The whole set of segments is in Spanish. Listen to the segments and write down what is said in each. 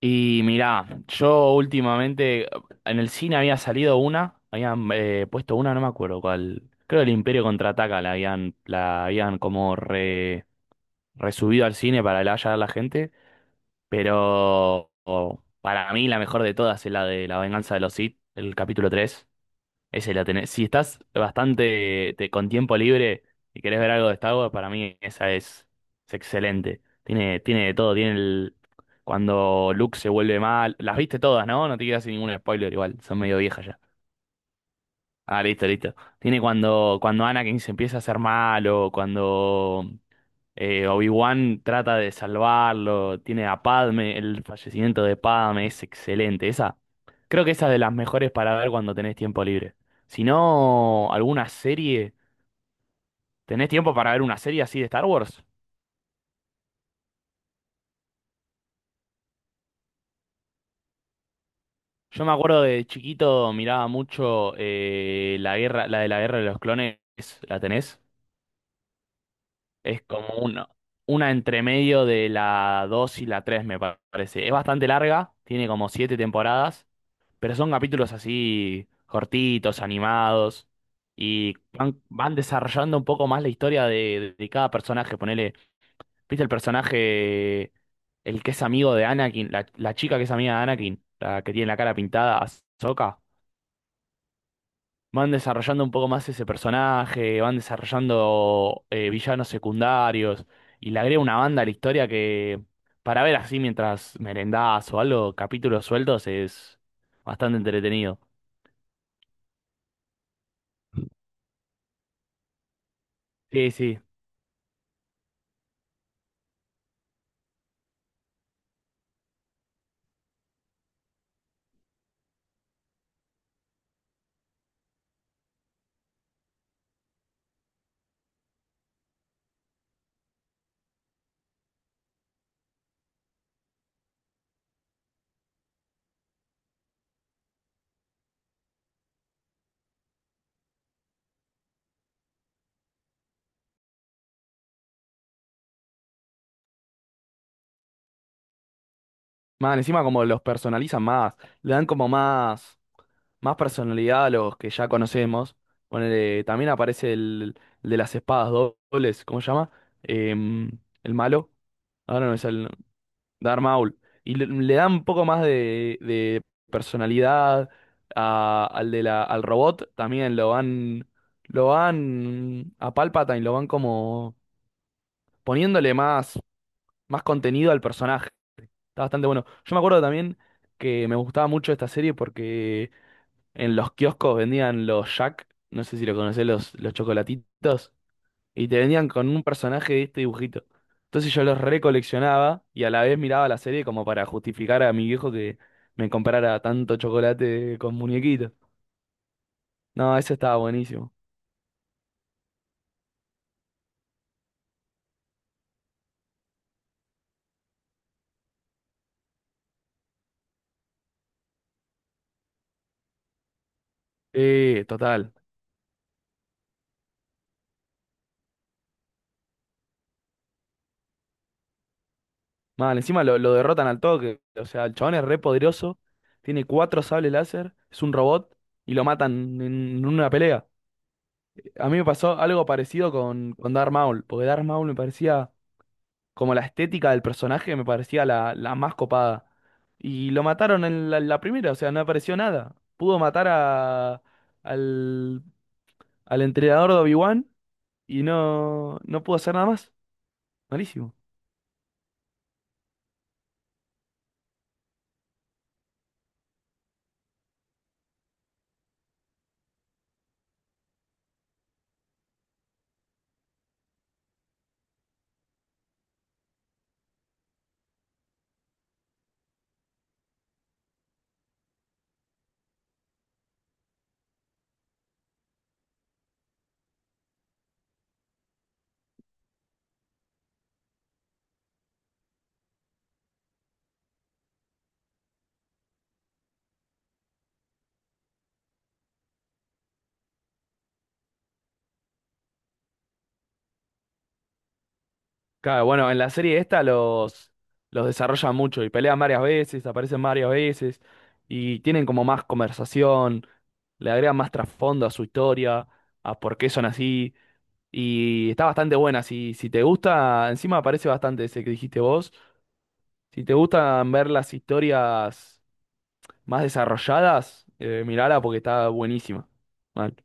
Y mirá, yo últimamente en el cine había salido una, habían puesto una, no me acuerdo cuál. Creo que el Imperio Contraataca la habían como resubido al cine para que la a la gente, pero para mí la mejor de todas es la de La Venganza de los Sith, el capítulo 3. Esa la tenés. Si estás bastante con tiempo libre y querés ver algo de Star Wars, para mí es excelente. Tiene de todo. Tiene el. Cuando Luke se vuelve mal. Las viste todas, ¿no? No te quedas sin ningún spoiler igual. Son medio viejas ya. Ah, listo, listo. Tiene cuando Anakin se empieza a hacer malo. Cuando. Obi-Wan trata de salvarlo, tiene a Padme, el fallecimiento de Padme es excelente. Esa, creo que esa es de las mejores para ver cuando tenés tiempo libre. Si no, alguna serie, ¿tenés tiempo para ver una serie así de Star Wars? Yo me acuerdo de chiquito miraba mucho la guerra, la de la guerra de los clones, ¿la tenés? Es como una entre medio de la 2 y la 3 parece. Es bastante larga, tiene como 7 temporadas. Pero son capítulos así cortitos, animados, y van desarrollando un poco más la historia de cada personaje. Ponele, ¿viste el personaje, el que es amigo de Anakin, la chica que es amiga de Anakin, la que tiene la cara pintada, Ahsoka? Van desarrollando un poco más ese personaje, van desarrollando villanos secundarios, y le agrega una banda a la historia que, para ver así mientras merendás o algo, capítulos sueltos, es bastante entretenido. Sí, sí. Man, encima como los personalizan más, le dan como más, más personalidad a los que ya conocemos. Ponele, también aparece el de las espadas dobles, ¿cómo se llama? Em, el malo, ahora no es el Darth Maul. Y le dan un poco más de personalidad al de al robot, también lo van a Palpatine, lo van como poniéndole más, más contenido al personaje. Está bastante bueno. Yo me acuerdo también que me gustaba mucho esta serie porque en los kioscos vendían los Jack, no sé si lo conocés, los chocolatitos, y te vendían con un personaje de este dibujito. Entonces yo los recoleccionaba y a la vez miraba la serie como para justificar a mi viejo que me comprara tanto chocolate con muñequitos. No, ese estaba buenísimo. Total. Mal, encima lo derrotan al toque. O sea, el chabón es re poderoso, tiene cuatro sables láser, es un robot y lo matan en una pelea. A mí me pasó algo parecido con Darth Maul, porque Darth Maul me parecía como la estética del personaje me parecía la más copada. Y lo mataron en la primera, o sea, no apareció nada. Pudo matar al, al entrenador de Obi-Wan y no pudo hacer nada más. Malísimo. Claro, bueno, en la serie esta los desarrollan mucho y pelean varias veces, aparecen varias veces y tienen como más conversación. Le agrega más trasfondo a su historia, a por qué son así. Y está bastante buena. Si, si te gusta, encima aparece bastante ese que dijiste vos. Si te gustan ver las historias más desarrolladas, mirala porque está buenísima. Mal.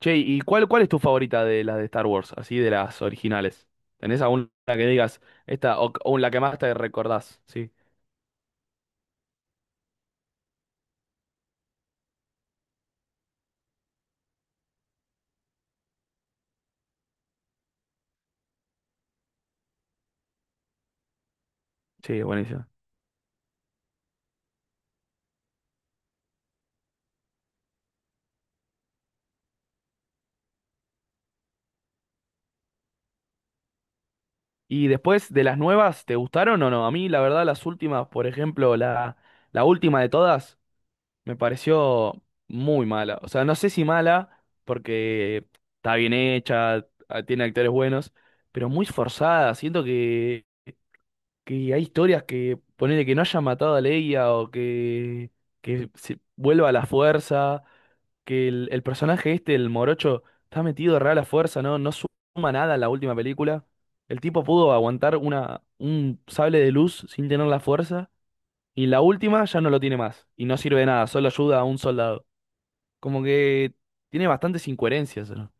Che, ¿y cuál es tu favorita de las de Star Wars? Así de las originales. ¿Tenés alguna que digas esta o la que más te recordás? Sí, sí, buenísima. Y después de las nuevas, ¿te gustaron o no? A mí, la verdad, las últimas, por ejemplo, la última de todas. Me pareció muy mala. O sea, no sé si mala, porque está bien hecha, tiene actores buenos, pero muy forzada. Siento que hay historias que ponele que no haya matado a Leia o que se vuelva a la fuerza, que el personaje este, el morocho, está metido re a la fuerza, ¿no? No suma nada en la última película. El tipo pudo aguantar una, un sable de luz sin tener la fuerza. Y la última ya no lo tiene más. Y no sirve de nada, solo ayuda a un soldado. Como que tiene bastantes incoherencias, ¿no?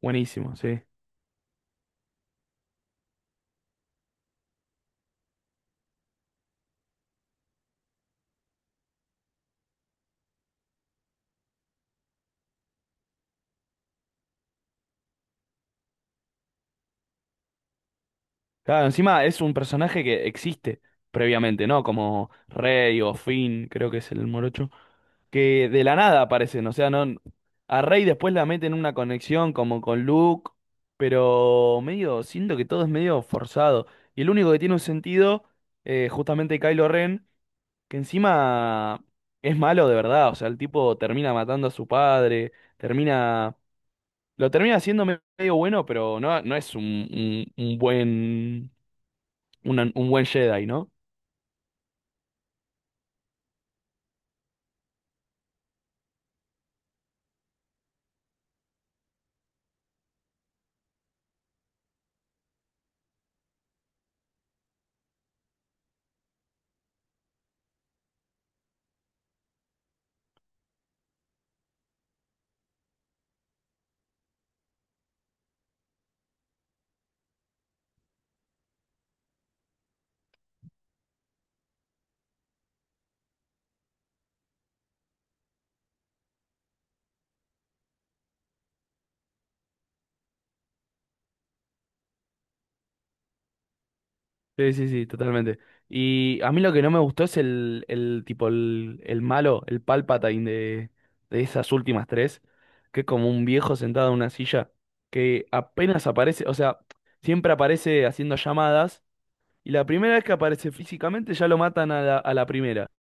Buenísimo, sí. Claro, encima es un personaje que existe previamente, ¿no? Como Rey o Finn, creo que es el morocho. Que de la nada aparecen, o sea, no. A Rey después la meten en una conexión como con Luke. Pero medio, siento que todo es medio forzado. Y el único que tiene un sentido, justamente Kylo Ren. Que encima es malo de verdad, o sea, el tipo termina matando a su padre, termina, lo termina haciendo medio bueno, pero no es un buen, un buen Jedi, ¿no? Sí, sí, sí, totalmente. Y a mí lo que no me gustó es el tipo, el malo, el Palpatine de esas últimas tres, que es como un viejo sentado en una silla, que apenas aparece, o sea, siempre aparece haciendo llamadas. Y la primera vez que aparece físicamente ya lo matan a a la primera.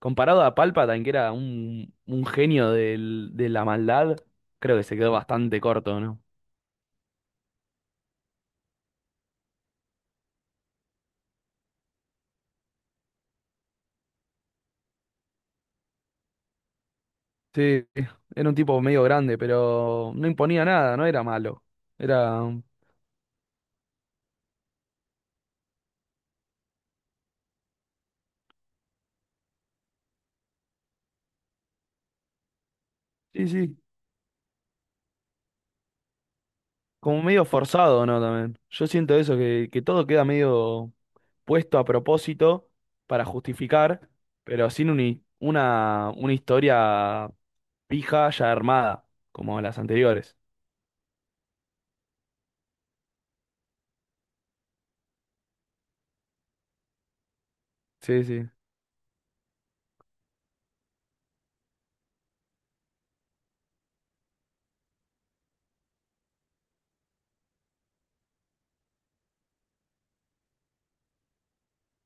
Comparado a Palpatine, que era un genio de la maldad, creo que se quedó bastante corto, ¿no? Sí, era un tipo medio grande, pero no imponía nada, no era malo. Era, sí, sí, como medio forzado, ¿no? También. Yo siento eso, que todo queda medio puesto a propósito para justificar, pero sin un una historia pija ya armada, como las anteriores. Sí, sí.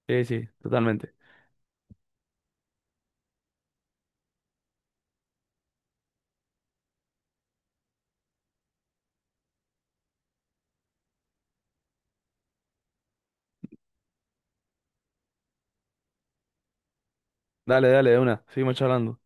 Sí, sí, totalmente. Dale, dale, de una. Seguimos charlando.